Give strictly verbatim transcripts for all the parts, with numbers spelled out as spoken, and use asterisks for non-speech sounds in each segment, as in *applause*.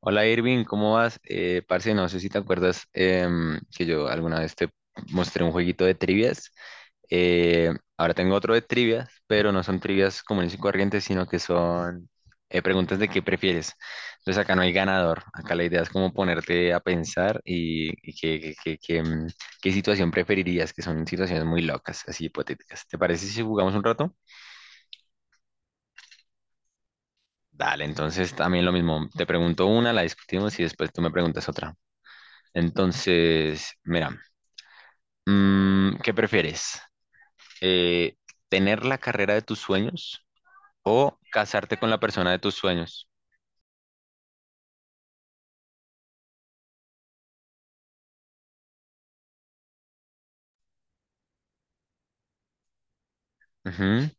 Hola Irving, ¿cómo vas? Eh, parce, no sé si te acuerdas em, que yo alguna vez te mostré un jueguito de trivias. Eh, Ahora tengo otro de trivias, pero no son trivias comunes y corrientes, sino que son eh, preguntas de qué prefieres. Entonces acá no hay ganador, acá la idea es como ponerte a pensar y, y que- que- que- que, em, qué situación preferirías, que son situaciones muy locas, así hipotéticas. ¿Te parece si jugamos un rato? Dale, entonces también lo mismo, te pregunto una, la discutimos y después tú me preguntas otra. Entonces, mira, mm, ¿qué prefieres? Eh, ¿Tener la carrera de tus sueños o casarte con la persona de tus sueños? Ujú.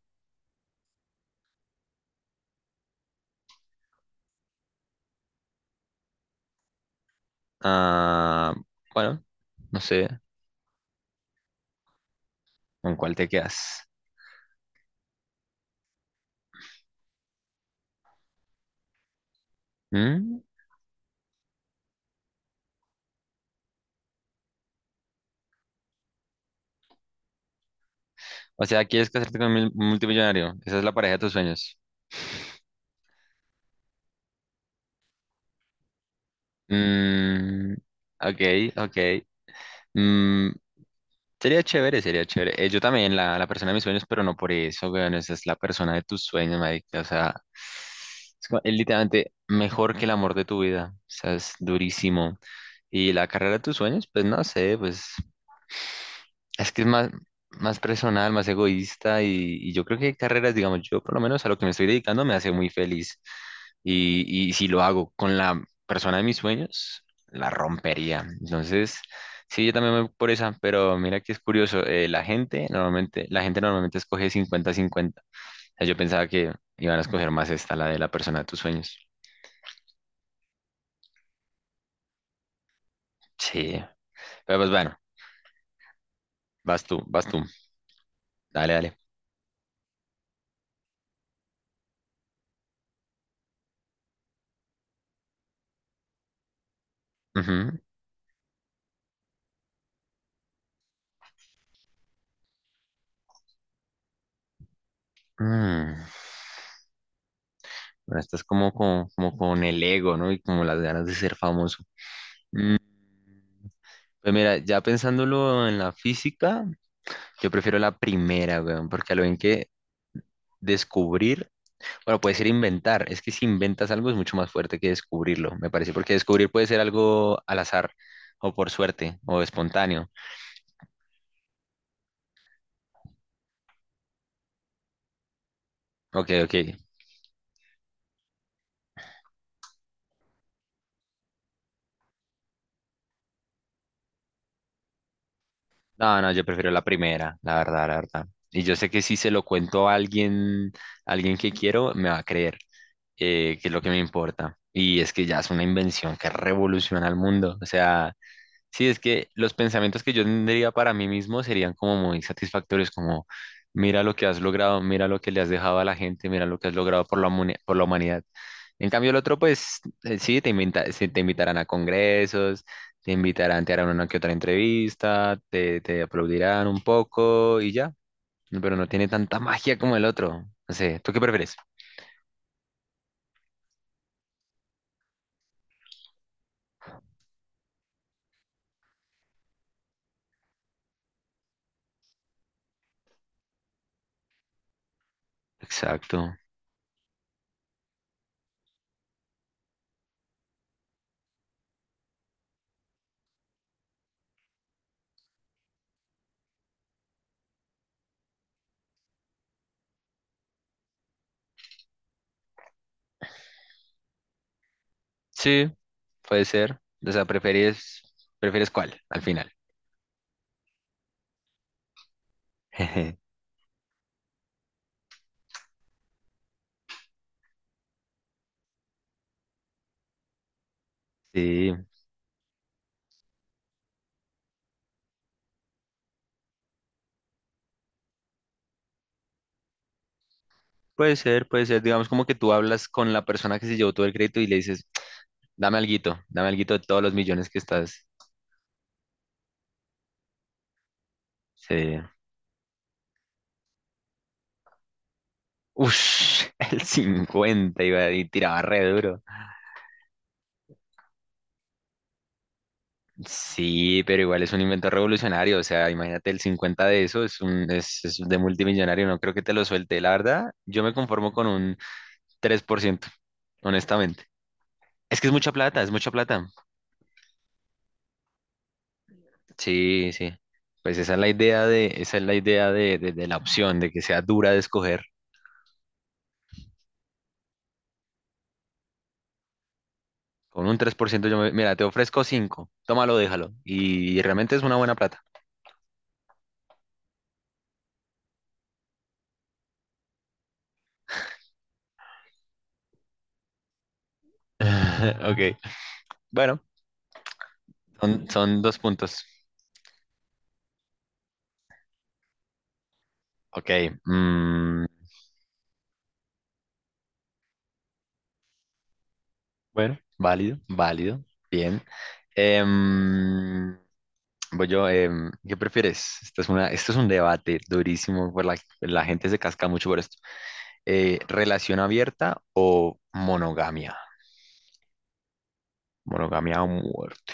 Ah, bueno, no sé, ¿con cuál te quedas? ¿Mm? O sea, ¿quieres casarte con un multimillonario? Esa es la pareja de tus sueños. Mm, ok, ok. Mm. Sería chévere, sería chévere. Eh, yo también, la, la persona de mis sueños, pero no por eso, weón. Esa es la persona de tus sueños, marica. O sea, es, como- es literalmente mejor que el amor de tu vida. O sea, es durísimo. Y la carrera de tus sueños, pues no sé, pues. Es que es más, más personal, más egoísta y, y yo creo que hay carreras, digamos, yo por lo menos a lo que me estoy dedicando me hace muy feliz. Y, y si lo hago con la persona de mis sueños, la rompería. Entonces, sí, yo también me voy por esa, pero mira que es curioso, eh, la gente normalmente, la gente normalmente escoge cincuenta cincuenta. O sea, yo pensaba que iban a escoger más esta, la de la persona de tus sueños. Sí, pero pues bueno, vas tú, vas tú. Dale, dale. Ujú. Mm. Bueno, estás como con, como con el ego, ¿no? Y como las ganas de ser famoso. Pues mira, ya pensándolo en la física, yo prefiero la primera, weón, porque a lo bien que descubrir, bueno, puede ser inventar, es que si inventas algo es mucho más fuerte que descubrirlo, me parece, porque descubrir puede ser algo al azar, o por suerte, o espontáneo. Ok, ok. No, no, yo prefiero la primera, la verdad, la verdad. Y yo sé que si se lo cuento a alguien, a alguien que quiero, me va a creer. Eh, que es lo que me importa. Y es que ya es una invención que revoluciona el mundo. O sea, sí, es que los pensamientos que yo tendría para mí mismo serían como muy satisfactorios, como mira lo que has logrado, mira lo que le has dejado a la gente, mira lo que has logrado por la, humani- por la humanidad. En cambio, el otro, pues eh, sí, te invita- sí, te invitarán a congresos, te invitarán, te harán una que otra entrevista, te, te aplaudirán un poco y ya. Pero no tiene tanta magia como el otro. No sé, ¿tú qué prefieres? Exacto. Sí, puede ser. O sea, prefieres, prefieres cuál al final. *laughs* Sí, puede ser, puede ser. Digamos como que tú hablas con la persona que se llevó todo el crédito y le dices, dame alguito, dame alguito de todos los millones que estás. Sí. Ush, *laughs* el cincuenta iba y tiraba re duro. Sí, pero igual es un invento revolucionario. O sea, imagínate el cincuenta de eso, es un, es, es de multimillonario. No creo que te lo suelte. La verdad, yo me conformo con un tres por ciento honestamente. Es que es mucha plata, es mucha plata. Sí, sí. Pues esa es la idea de, esa es la idea de, de- de la opción, de que sea dura de escoger. Con un tres por ciento yo me, mira, te ofrezco cinco. Tómalo, déjalo. Y realmente es una buena plata. *laughs* Ok. Bueno, son, son dos puntos. Ok. mm, bueno, válido, válido. Bien. Em, Voy yo, em, ¿qué prefieres? Esto es una, esto es un debate durísimo, por la, la gente se casca mucho por esto. Eh, ¿relación abierta o monogamia? Monogamia a muerte.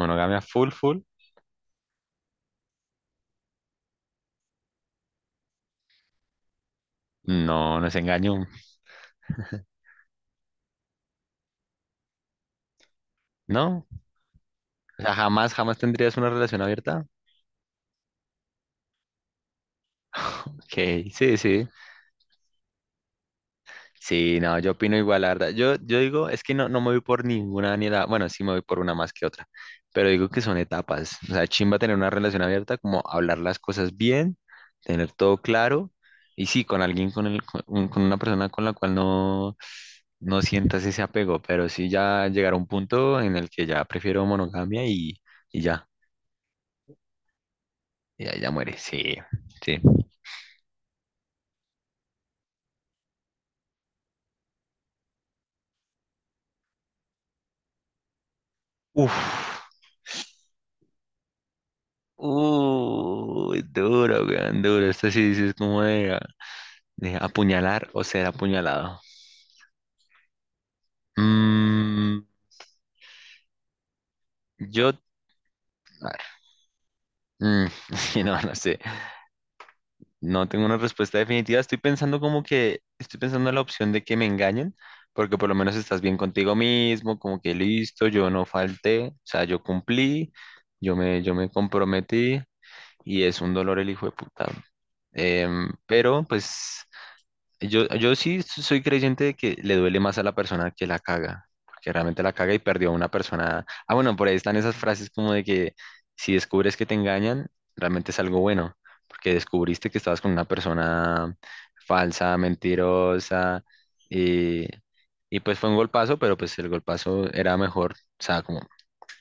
Monogamia full, full. No, no es engaño. No. O sea, jamás, jamás tendrías una relación abierta. *laughs* Ok, sí, sí. Sí, no, yo opino igual, la verdad. Yo, yo digo, es que no, no me voy por ninguna ni la, bueno, sí me voy por una más que otra, pero digo que son etapas. O sea, chimba tener una relación abierta, como hablar las cosas bien, tener todo claro, y sí, con alguien, con el, con, un- con una persona con la cual no, no sientas ese apego, pero sí ya llegar a un punto en el que ya prefiero monogamia y, y ya, y ya, ya muere, sí, sí. Uf, uy, duro, weón, duro. Esto sí, sí es como de. Eh, apuñalar o ser apuñalado. Mm, yo, a ver, mm, *laughs* sí, no, no sé. No tengo una respuesta definitiva. Estoy pensando como que, estoy pensando en la opción de que me engañen, porque por lo menos estás bien contigo mismo, como que listo, yo no falté, o sea, yo cumplí, yo me, yo me comprometí y es un dolor el hijo de puta. Em, pero pues. Yo, yo sí soy creyente de que le duele más a la persona que la caga, porque realmente la caga y perdió a una persona. Ah, bueno, por ahí están esas frases como de que si descubres que te engañan, realmente es algo bueno, porque descubriste que estabas con una persona falsa, mentirosa, y, y pues fue un golpazo, pero pues el golpazo era mejor, o sea, como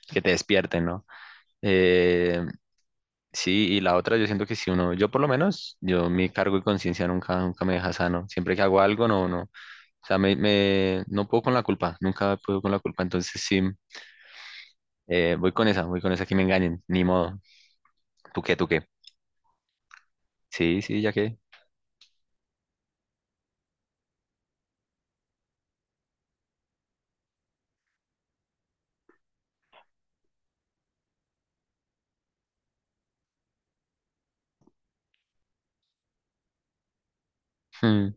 que te despierten, ¿no? Eh, Sí, y la otra, yo siento que si uno, yo por lo menos, yo mi cargo y conciencia nunca, nunca me deja sano. Siempre que hago algo, no, no. O sea, me, me- no puedo con la culpa, nunca puedo con la culpa. Entonces sí, eh, voy con esa, voy con esa que me engañen, ni modo. ¿Tú qué, tú qué? Sí, sí, ya que. Hmm.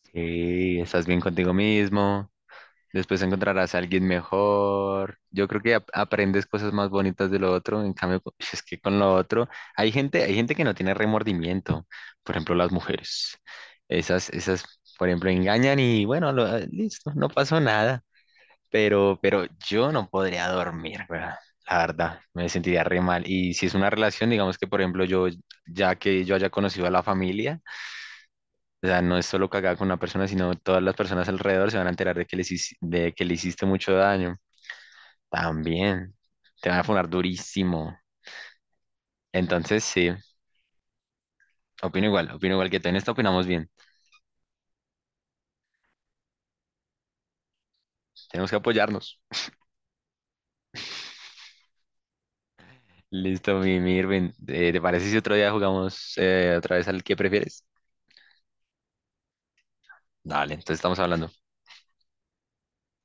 Sí, estás bien contigo mismo. Después encontrarás a alguien mejor. Yo creo que ap- aprendes cosas más bonitas de lo otro. En cambio, co- es que con lo otro hay gente, hay gente que no tiene remordimiento. Por ejemplo, las mujeres. Esas, esas, por ejemplo, engañan y bueno, lo- ah, listo, no pasó nada. pero, pero yo no podría dormir, weón. La verdad, me sentiría re mal. Y si es una relación, digamos que, por ejemplo, yo, ya que yo haya conocido a la familia, o sea, no es solo cagada con una persona, sino todas las personas alrededor se van a enterar de que les, hici- de que le hiciste mucho daño. También, te van a funar durísimo. Entonces, sí, opino igual, opino igual que tú. En esto opinamos bien. Tenemos que apoyarnos. Listo, mi, mi Irving. Eh, ¿te parece si otro día jugamos eh, otra vez al que prefieres? Dale, entonces estamos hablando.